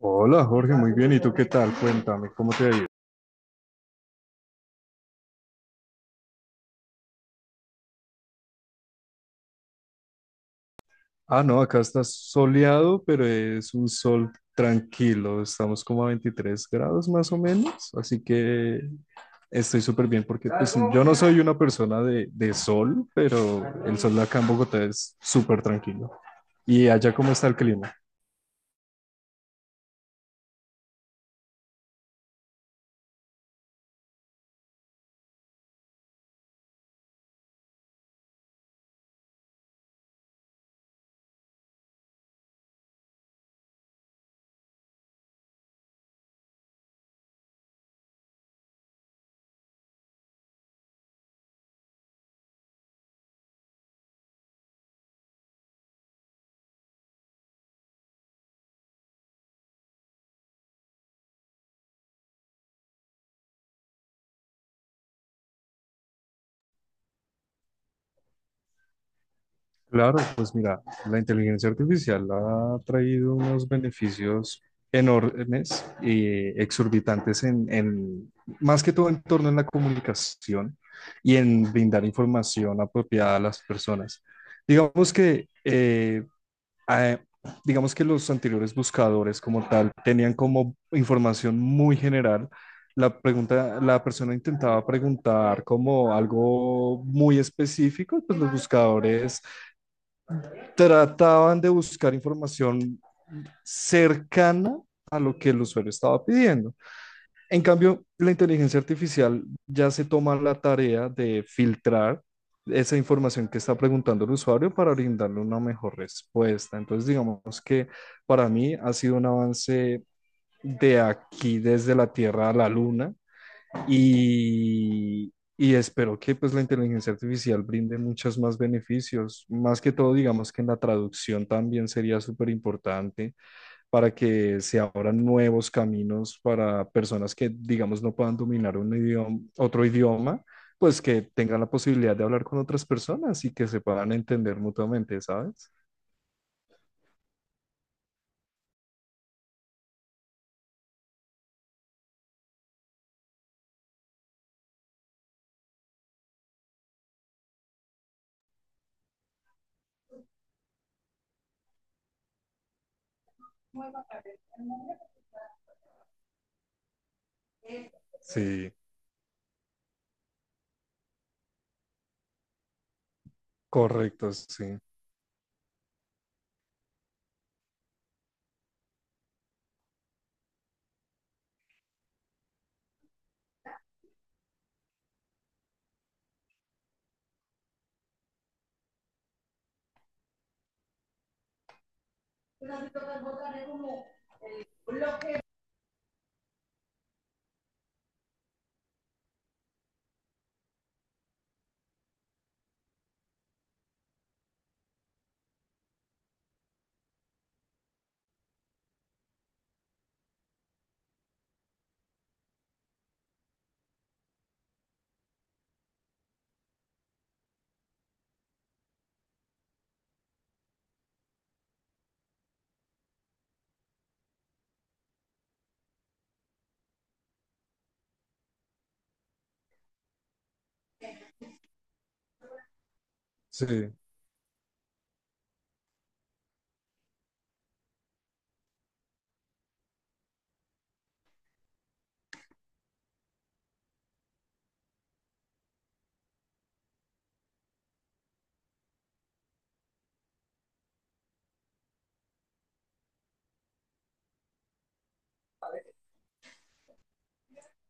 Hola Jorge, muy bien. ¿Y tú qué tal? Cuéntame, ¿cómo te ha ido? Ah, no, acá está soleado, pero es un sol tranquilo. Estamos como a 23 grados más o menos, así que estoy súper bien porque pues, yo no soy una persona de sol, pero el sol acá en Bogotá es súper tranquilo. ¿Y allá cómo está el clima? Claro, pues mira, la inteligencia artificial ha traído unos beneficios enormes y exorbitantes más que todo en torno a la comunicación y en brindar información apropiada a las personas. Digamos que, a- digamos que los anteriores buscadores como tal tenían como información muy general. La pregunta, la persona intentaba preguntar como algo muy específico, pues los buscadores trataban de buscar información cercana a lo que el usuario estaba pidiendo. En cambio, la inteligencia artificial ya se toma la tarea de filtrar esa información que está preguntando el usuario para brindarle una mejor respuesta. Entonces, digamos que para mí ha sido un avance de aquí desde la Tierra a la Luna y espero que pues la inteligencia artificial brinde muchos más beneficios. Más que todo, digamos que en la traducción también sería súper importante para que se abran nuevos caminos para personas que, digamos, no puedan dominar un idioma, otro idioma, pues que tengan la posibilidad de hablar con otras personas y que se puedan entender mutuamente, ¿sabes? Sí, correcto, sí, sí,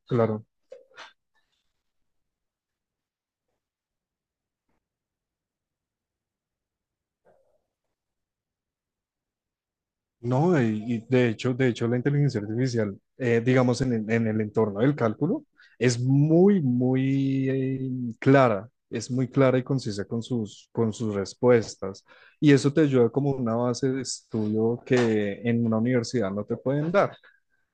claro. No, y de hecho, la inteligencia artificial, digamos, en el entorno del cálculo, es muy, muy clara, es muy clara y concisa con sus respuestas. Y eso te ayuda como una base de estudio que en una universidad no te pueden dar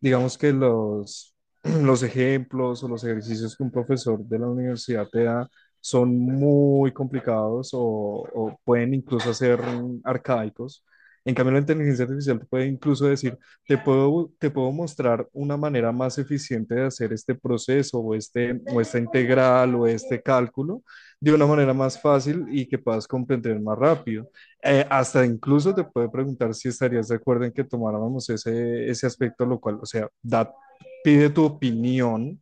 digamos que los ejemplos o los ejercicios que un profesor de la universidad te da son muy complicados o pueden incluso ser arcaicos. En cambio, la inteligencia artificial te puede incluso decir, te puedo mostrar una manera más eficiente de hacer este proceso o esta integral o este cálculo de una manera más fácil y que puedas comprender más rápido. Hasta incluso te puede preguntar si estarías de acuerdo en que tomáramos ese aspecto, lo cual, o sea, da, pide tu opinión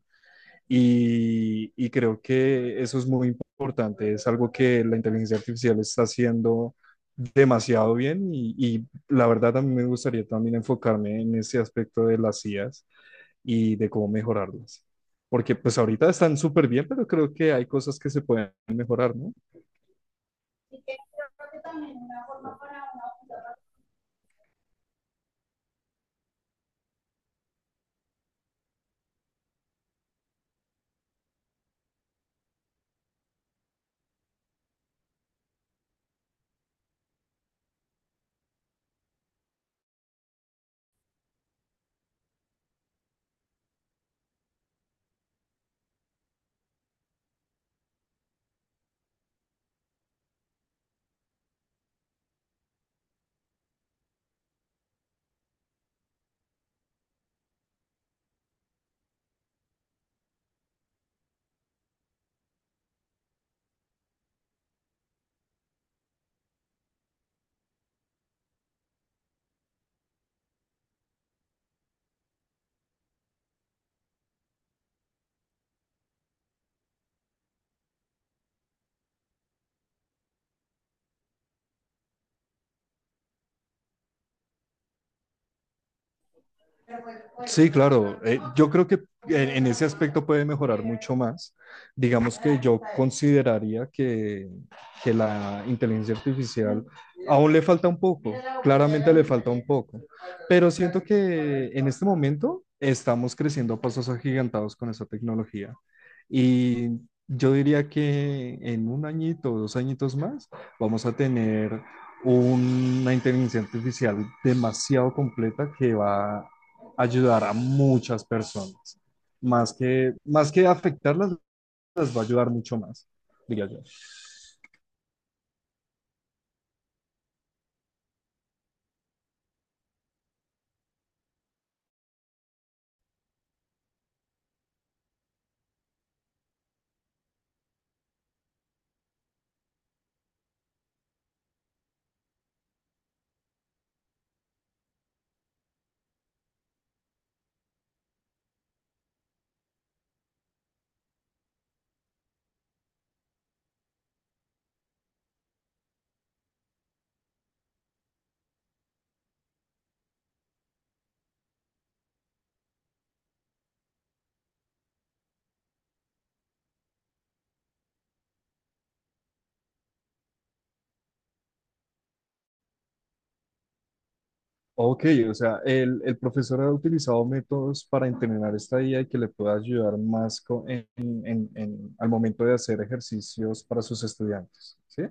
y creo que eso es muy importante. Es algo que la inteligencia artificial está haciendo demasiado bien y la verdad a mí me gustaría también enfocarme en ese aspecto de las IAs y de cómo mejorarlas. Porque pues ahorita están súper bien, pero creo que hay cosas que se pueden mejorar, ¿no? Sí, claro. Yo creo que en ese aspecto puede mejorar mucho más. Digamos que yo consideraría que la inteligencia artificial aún le falta un poco, claramente le falta un poco, pero siento que en este momento estamos creciendo a pasos agigantados con esa tecnología y yo diría que en un añito o dos añitos más vamos a tener una inteligencia artificial demasiado completa que va ayudar a muchas personas. Más que afectarlas, las va a ayudar mucho más, diría yo. Ok, o sea, el profesor ha utilizado métodos para entrenar esta IA y que le pueda ayudar más co- en- al momento de hacer ejercicios para sus estudiantes, ¿sí?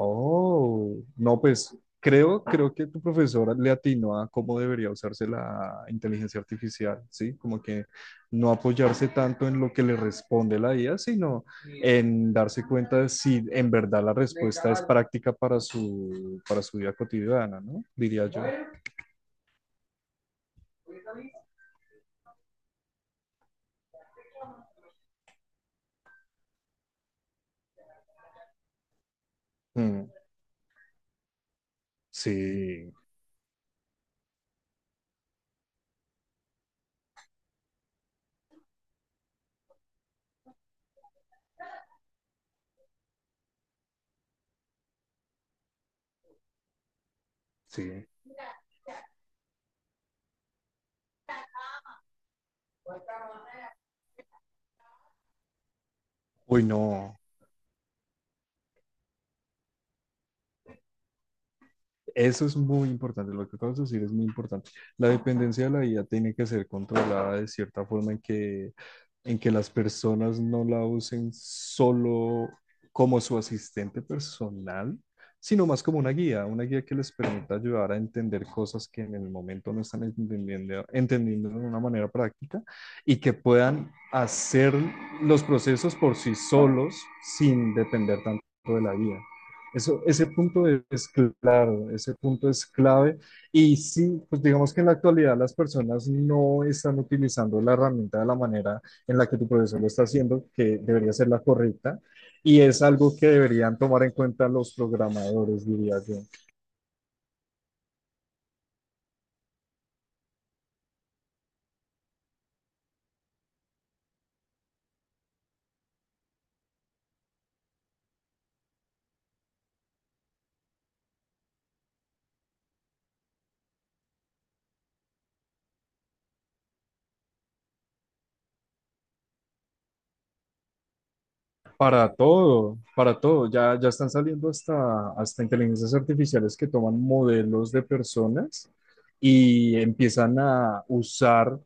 Oh, no, pues creo que tu profesora le atinó a cómo debería usarse la inteligencia artificial, ¿sí? Como que no apoyarse tanto en lo que le responde la IA, sino en darse cuenta de si en verdad la respuesta es práctica para para su vida cotidiana, ¿no? Diría yo. Mm, sí, sí. Uy, no, eso es muy importante, lo que acabas de decir es muy importante. La dependencia de la IA tiene que ser controlada de cierta forma en en que las personas no la usen solo como su asistente personal, sino más como una guía que les permita ayudar a entender cosas que en el momento no están entendiendo, entendiendo de una manera práctica y que puedan hacer los procesos por sí solos sin depender tanto de la guía. Eso, ese punto es claro, ese punto es clave. Y sí, pues digamos que en la actualidad las personas no están utilizando la herramienta de la manera en la que tu profesor lo está haciendo, que debería ser la correcta, y es algo que deberían tomar en cuenta los programadores, diría yo. Para todo, para todo. Ya están saliendo hasta inteligencias artificiales que toman modelos de personas y empiezan a usar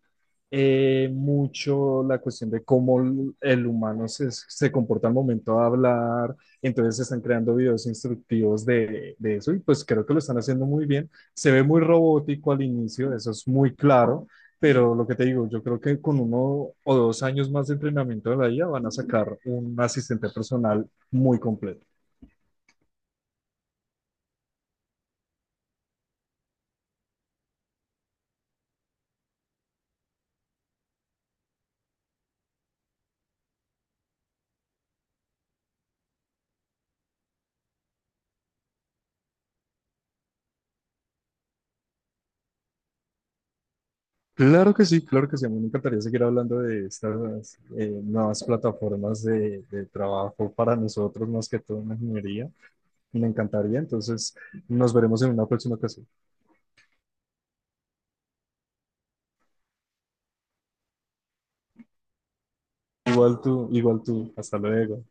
mucho la cuestión de cómo el humano se comporta al momento de hablar. Entonces se están creando videos instructivos de eso y pues creo que lo están haciendo muy bien. Se ve muy robótico al inicio, eso es muy claro pero lo que te digo, yo creo que con uno o dos años más de entrenamiento de la IA van a sacar un asistente personal muy completo. Claro que sí, claro que sí. A mí me encantaría seguir hablando de estas nuevas plataformas de trabajo para nosotros, más que todo en la ingeniería. Me encantaría. Entonces, nos veremos en una próxima ocasión. Igual tú, igual tú. Hasta luego.